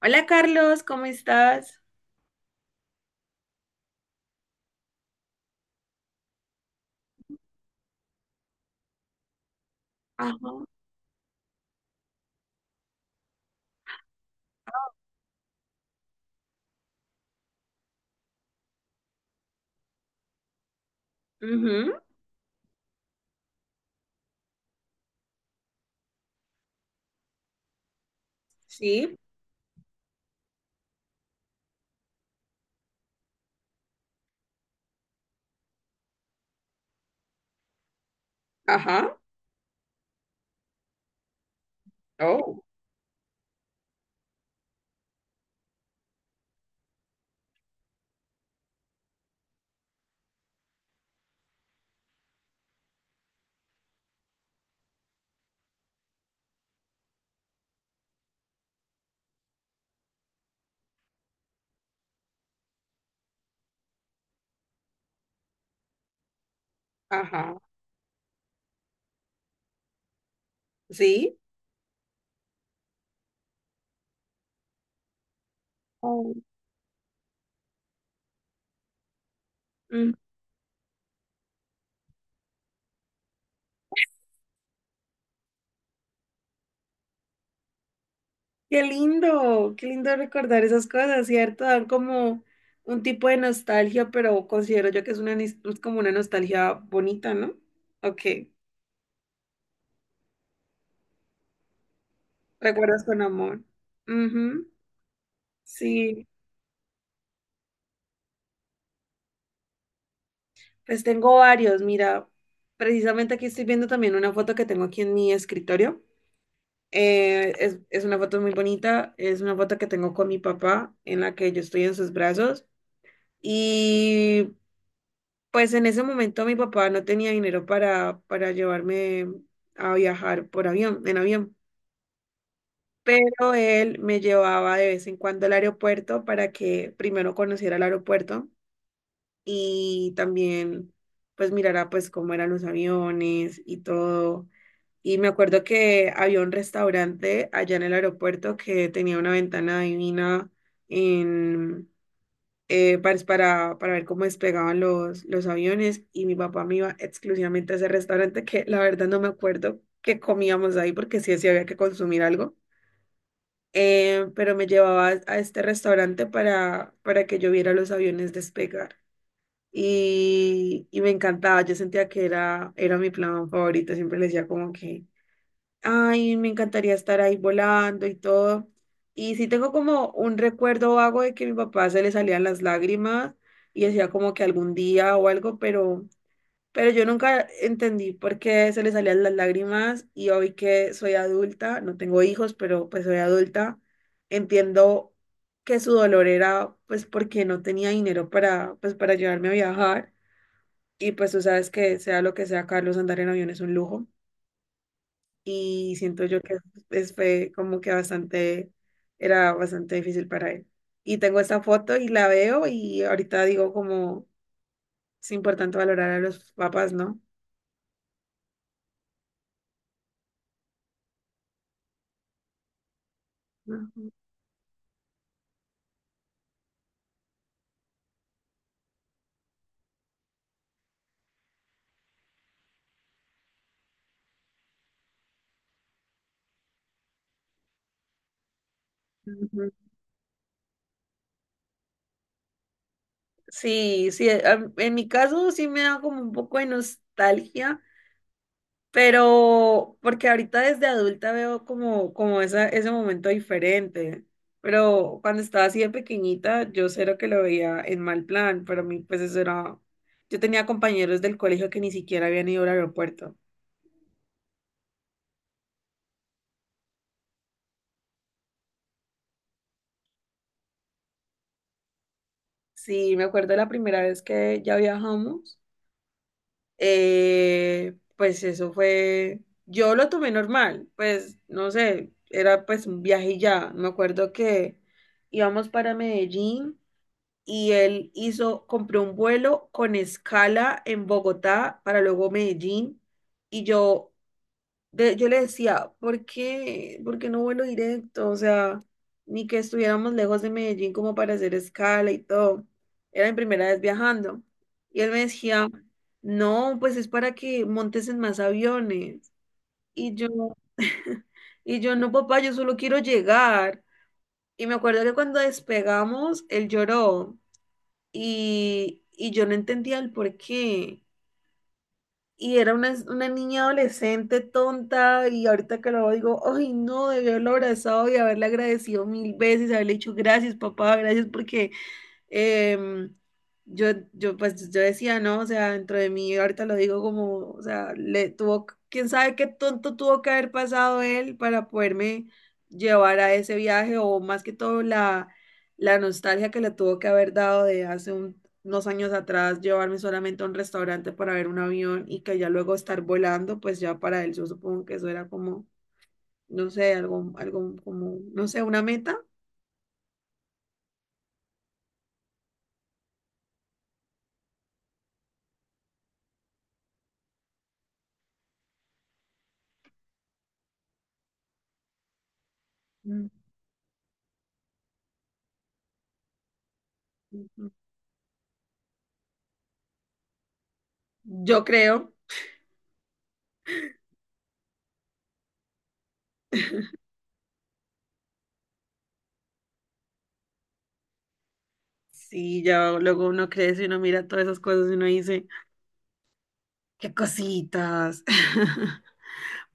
Hola Carlos, ¿cómo estás? Ajá. Ujú. Sí. Ajá. Oh. Ajá. Sí. Oh. Mm. Qué lindo recordar esas cosas, ¿cierto? Dan como un tipo de nostalgia, pero considero yo que es una es como una nostalgia bonita, ¿no? Ok. Recuerdas con amor. Ujú. Sí. Pues tengo varios. Mira, precisamente aquí estoy viendo también una foto que tengo aquí en mi escritorio. Es una foto muy bonita, es una foto que tengo con mi papá en la que yo estoy en sus brazos y pues en ese momento mi papá no tenía dinero para llevarme a viajar por avión, en avión, pero él me llevaba de vez en cuando al aeropuerto para que primero conociera el aeropuerto y también pues mirara pues cómo eran los aviones y todo. Y me acuerdo que había un restaurante allá en el aeropuerto que tenía una ventana divina en, para ver cómo despegaban los aviones, y mi papá me iba exclusivamente a ese restaurante que la verdad no me acuerdo qué comíamos ahí porque sí, sí había que consumir algo. Pero me llevaba a este restaurante para que yo viera los aviones despegar. Y me encantaba, yo sentía que era mi plan favorito, siempre le decía como que... Ay, me encantaría estar ahí volando y todo. Y sí tengo como un recuerdo vago de que a mi papá se le salían las lágrimas y decía como que algún día o algo, pero yo nunca entendí por qué se le salían las lágrimas, y hoy que soy adulta, no tengo hijos, pero pues soy adulta, entiendo que su dolor era pues porque no tenía dinero para pues para llevarme a viajar. Y pues tú sabes que sea lo que sea, Carlos, andar en avión es un lujo, y siento yo que fue como que bastante, era bastante difícil para él. Y tengo esta foto y la veo y ahorita digo como es importante valorar a los papás, ¿no? Ujú. Ujú. Sí, sí, en mi caso sí me da como un poco de nostalgia, pero, porque ahorita desde adulta veo como, como ese momento diferente. Pero cuando estaba así de pequeñita, yo cero que lo veía en mal plan. Para mí, pues eso era. Yo tenía compañeros del colegio que ni siquiera habían ido al aeropuerto. Sí, me acuerdo la primera vez que ya viajamos. eh, pues eso fue, yo lo tomé normal, pues no sé, era pues un viaje y ya. Me acuerdo que íbamos para Medellín y él hizo, compró un vuelo con escala en Bogotá para luego Medellín. Y yo yo le decía, por qué no vuelo directo? O sea, ni que estuviéramos lejos de Medellín como para hacer escala y todo. Era mi primera vez viajando. Y él me decía, no, pues es para que montes en más aviones. Y yo, y yo, no, papá, yo solo quiero llegar. Y me acuerdo que cuando despegamos, él lloró, y yo no entendía el por qué. Y era una niña adolescente tonta, y ahorita que lo digo, ay no, debí haberlo abrazado y haberle agradecido mil veces, haberle dicho gracias papá, gracias porque eh, yo, yo decía, no, o sea, dentro de mí, ahorita lo digo como, o sea, le tuvo, quién sabe qué tonto tuvo que haber pasado él para poderme llevar a ese viaje, o más que todo la nostalgia que le tuvo que haber dado de hace unos años atrás, llevarme solamente a un restaurante para ver un avión, y que ya luego estar volando, pues ya para él, yo supongo que eso era como, no sé, algo como, no sé, una meta. Mm. Yo creo. Sí, ya luego uno crece y uno mira todas esas cosas y uno dice, qué cositas.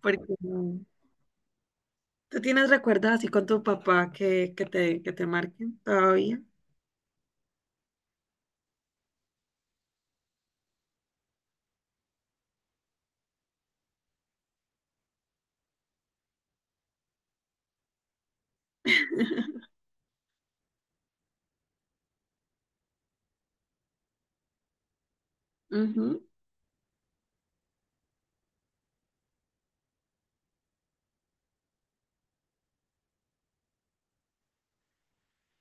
Porque no. ¿Tú tienes recuerdos así con tu papá que, que te marquen todavía? Ujú.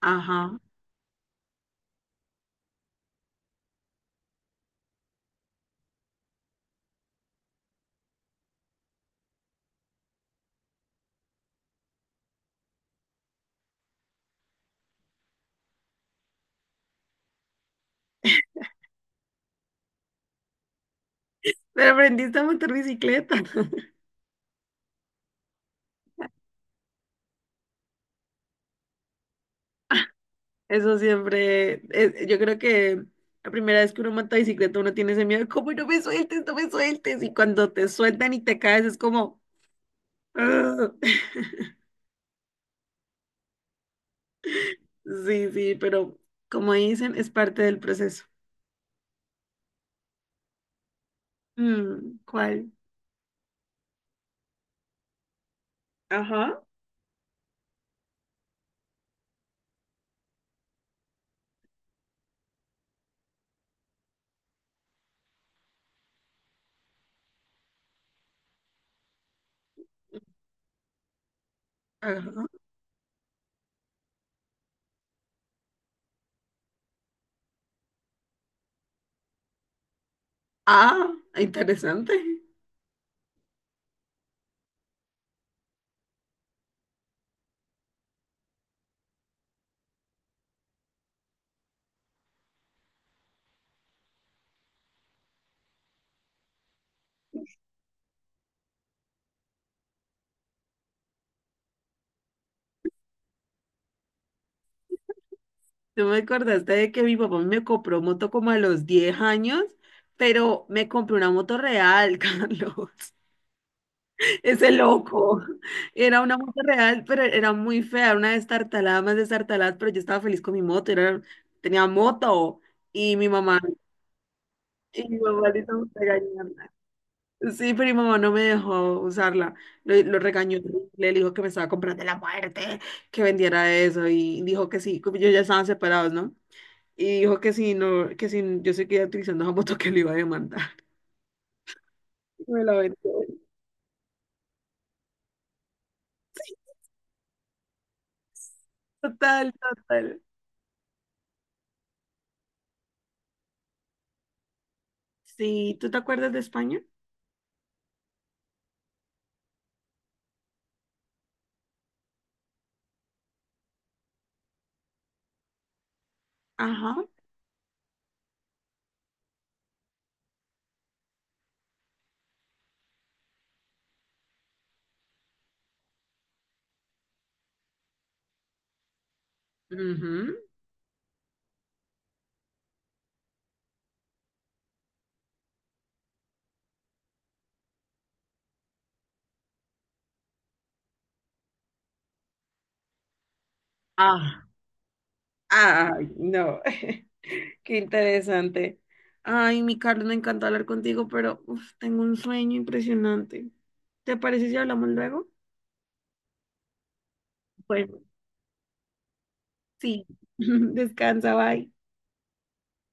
Ajá. Pero aprendiste a montar bicicleta. Eso siempre, yo creo que la primera vez que uno monta bicicleta uno tiene ese miedo, como no me sueltes, no me sueltes. Y cuando te sueltan y te caes es como... "Ugh". Sí, sí, pero como dicen, es parte del proceso. Mm, ¿cuál? Ajá. Ajá. Ah, interesante. Tú me acordaste de que mi papá me compró moto como a los 10 años, pero me compró una moto real, Carlos. Ese loco. Era una moto real, pero era muy fea, era una destartalada más destartalada, pero yo estaba feliz con mi moto, era, tenía moto. Y mi mamá, y mi mamá le hizo regañar. Sí, primo, no me dejó usarla. Lo regañó, terrible, le dijo que me estaba comprando la muerte, que vendiera eso, y dijo que sí, como ellos ya estaban separados, ¿no? Y dijo que sí, no, que si yo seguía utilizando esa moto que le iba a demandar. Me la vendió. Total, total. Sí, ¿tú te acuerdas de España? Ajá. Ujú. Ah, ay, no. Qué interesante. Ay, mi Carlos, me encanta hablar contigo, pero uf, tengo un sueño impresionante. ¿Te parece si hablamos luego? Bueno. Sí, descansa, bye.